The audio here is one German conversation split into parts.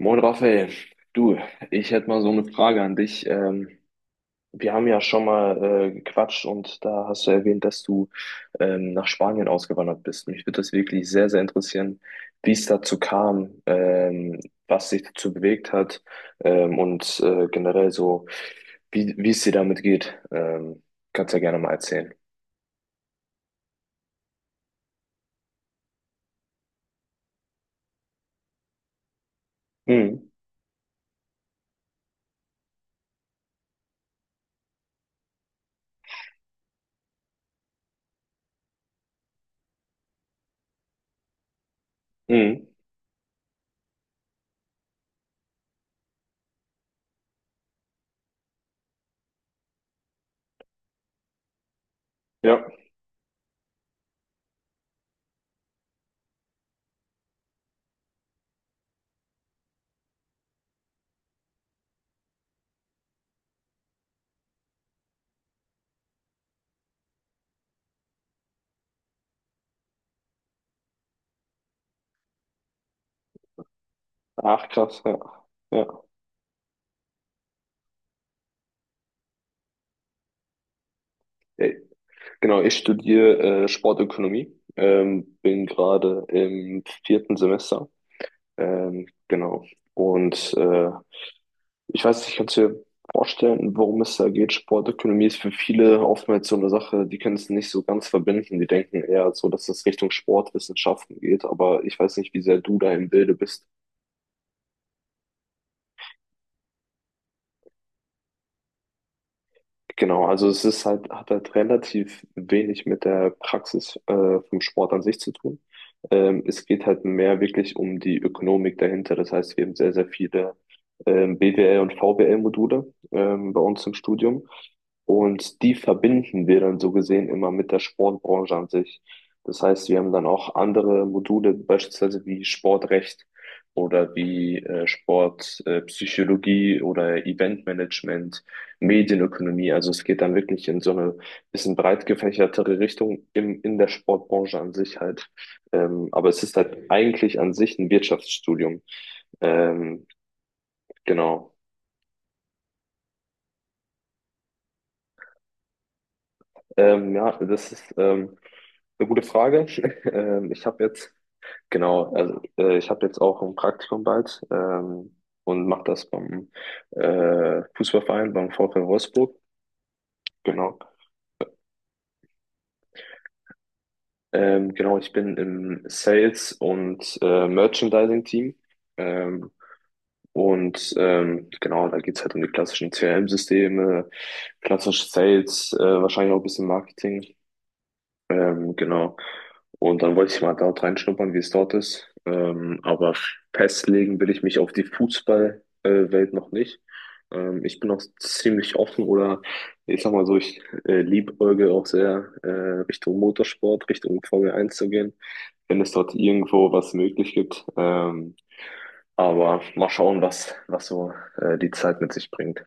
Moin Raphael, du, ich hätte mal so eine Frage an dich. Wir haben ja schon mal gequatscht, und da hast du erwähnt, dass du nach Spanien ausgewandert bist. Mich würde das wirklich sehr, sehr interessieren, wie es dazu kam, was dich dazu bewegt hat und generell so, wie es dir damit geht. Kannst ja gerne mal erzählen. Mhm. Mhm. Ja, ach krass, ja. Ja. Genau, ich studiere Sportökonomie, bin gerade im 4. Semester. Genau. Und ich weiß nicht, kannst du dir vorstellen, worum es da geht? Sportökonomie ist für viele oftmals so eine Sache, die können es nicht so ganz verbinden. Die denken eher so, dass es Richtung Sportwissenschaften geht, aber ich weiß nicht, wie sehr du da im Bilde bist. Genau, also es ist halt, hat halt relativ wenig mit der Praxis vom Sport an sich zu tun. Es geht halt mehr wirklich um die Ökonomik dahinter. Das heißt, wir haben sehr, sehr viele BWL und VWL-Module bei uns im Studium. Und die verbinden wir dann so gesehen immer mit der Sportbranche an sich. Das heißt, wir haben dann auch andere Module, beispielsweise wie Sportrecht oder wie Sportpsychologie Psychologie oder Eventmanagement, Medienökonomie. Also es geht dann wirklich in so eine bisschen breit gefächertere Richtung in der Sportbranche an sich halt. Aber es ist halt eigentlich an sich ein Wirtschaftsstudium. Ähm, genau. Ja, das ist eine gute Frage. Ähm, ich habe jetzt, genau, also ich habe jetzt auch ein Praktikum bald, und mache das beim Fußballverein, beim VfL Wolfsburg. Genau. Genau, ich bin im Sales- und Merchandising-Team. Ähm, genau, da geht's halt um die klassischen CRM-Systeme, klassisch Sales, wahrscheinlich auch ein bisschen Marketing. Genau. Und dann wollte ich mal dort reinschnuppern, wie es dort ist. Aber festlegen will ich mich auf die Fußballwelt noch nicht. Ich bin auch ziemlich offen, oder ich sag mal so, ich liebäugle auch sehr Richtung Motorsport, Richtung Formel eins zu gehen, wenn es dort irgendwo was möglich gibt. Aber mal schauen, was so die Zeit mit sich bringt.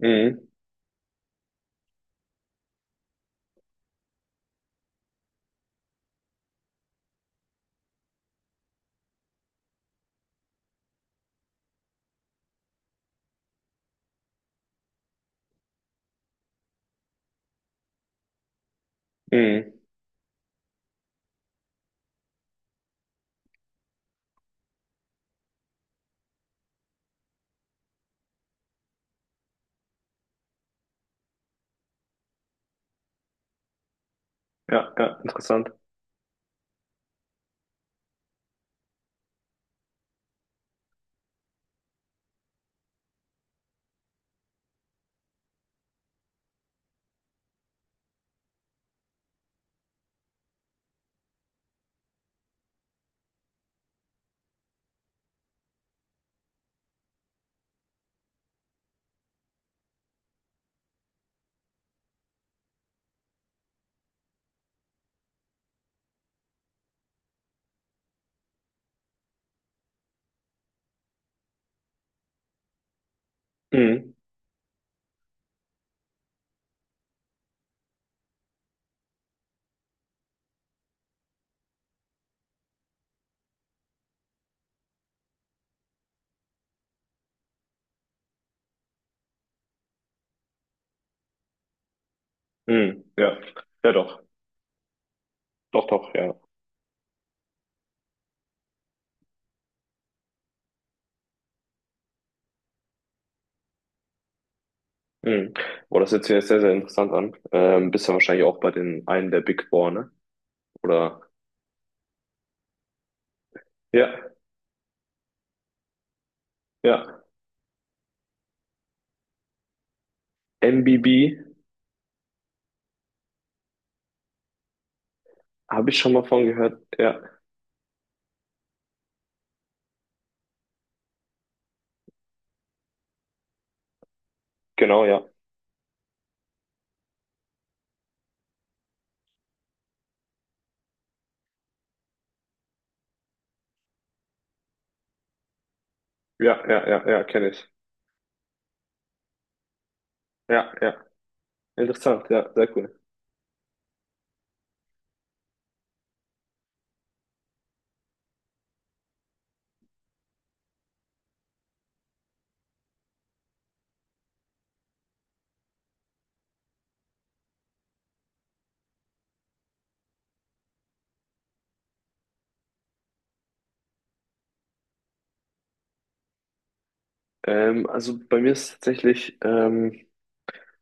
Mhm. Mhm. Ja, ja, interessant. Mhm. Mhm. Ja, ja doch. Doch, doch, ja. Mhm. Boah, das hört sich jetzt sehr, sehr interessant an. Bist ja wahrscheinlich auch bei den einen der Big Four, ne? Oder? Ja, ja. MBB habe ich schon mal von gehört. Ja, genau, ja. Ja, ja, ja, ja, kenne ich. Ja, ja. Interessant, ja, sehr cool. Also bei mir ist tatsächlich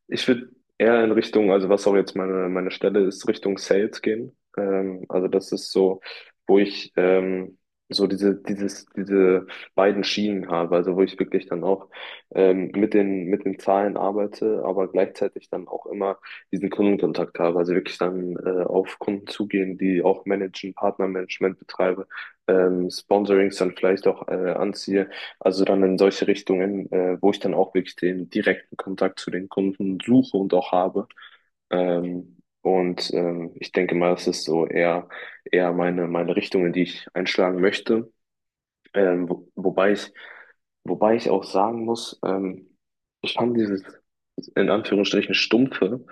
Ich würde eher in Richtung, also was auch jetzt meine Stelle ist, Richtung Sales gehen. Also das ist so, wo ich diese beiden Schienen habe, also wo ich wirklich dann auch mit mit den Zahlen arbeite, aber gleichzeitig dann auch immer diesen Kundenkontakt habe. Also wirklich dann auf Kunden zugehen, die auch managen, Partnermanagement betreibe, Sponsorings dann vielleicht auch anziehe. Also dann in solche Richtungen, wo ich dann auch wirklich den direkten Kontakt zu den Kunden suche und auch habe. Ich denke mal, das ist so eher, eher meine Richtung, in die ich einschlagen möchte. Wobei ich, wobei ich auch sagen muss, ich fand dieses in Anführungsstrichen stumpfe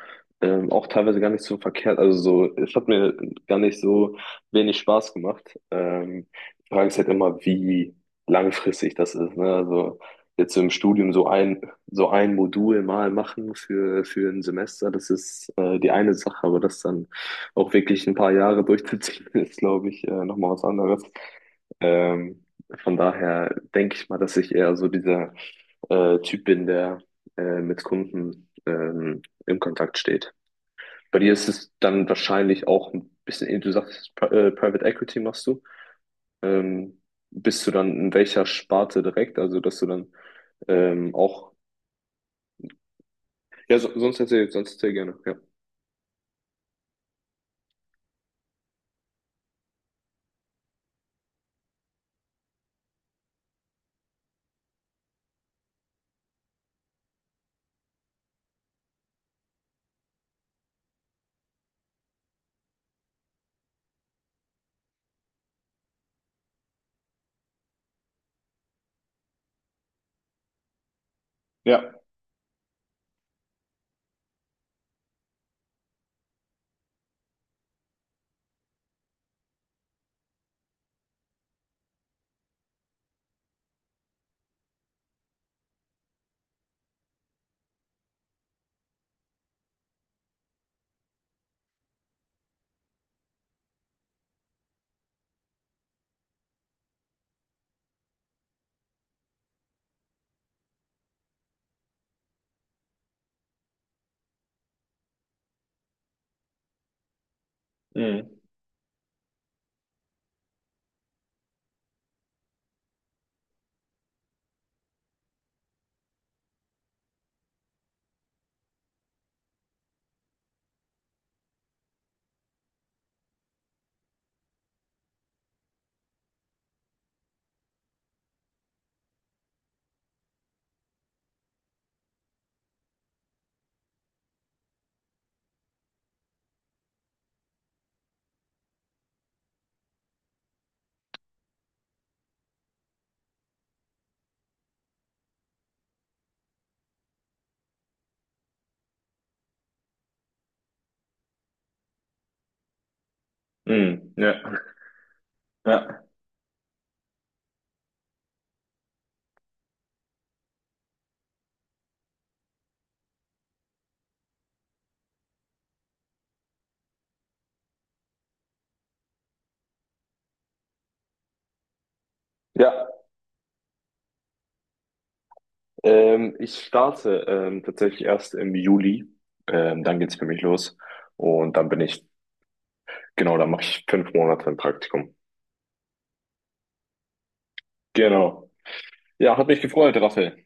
auch teilweise gar nicht so verkehrt. Also so, es hat mir gar nicht so wenig Spaß gemacht. Die Frage ist halt immer, wie langfristig das ist. Ne? Also jetzt so im Studium so ein Modul mal machen für ein Semester, das ist die eine Sache, aber das dann auch wirklich ein paar Jahre durchzuziehen, ist, glaube ich, nochmal was anderes. Ähm, von daher denke ich mal, dass ich eher so dieser Typ bin, der mit Kunden im Kontakt steht. Bei dir ist es dann wahrscheinlich auch ein bisschen, du sagst, Private Equity machst du. Ähm, Bist du dann in welcher Sparte direkt? Also, dass du dann ähm, auch, ja, so, sonst erzähl gerne, ja. Ja. Mhm. Mhm. Ja. Ja, ja, ich starte tatsächlich erst im Juli. Dann geht's für mich los. Und dann bin ich Genau, da mache ich 5 Monate ein Praktikum. Genau. Ja, hat mich gefreut, Raphael.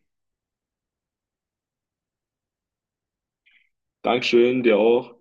Dankeschön, dir auch.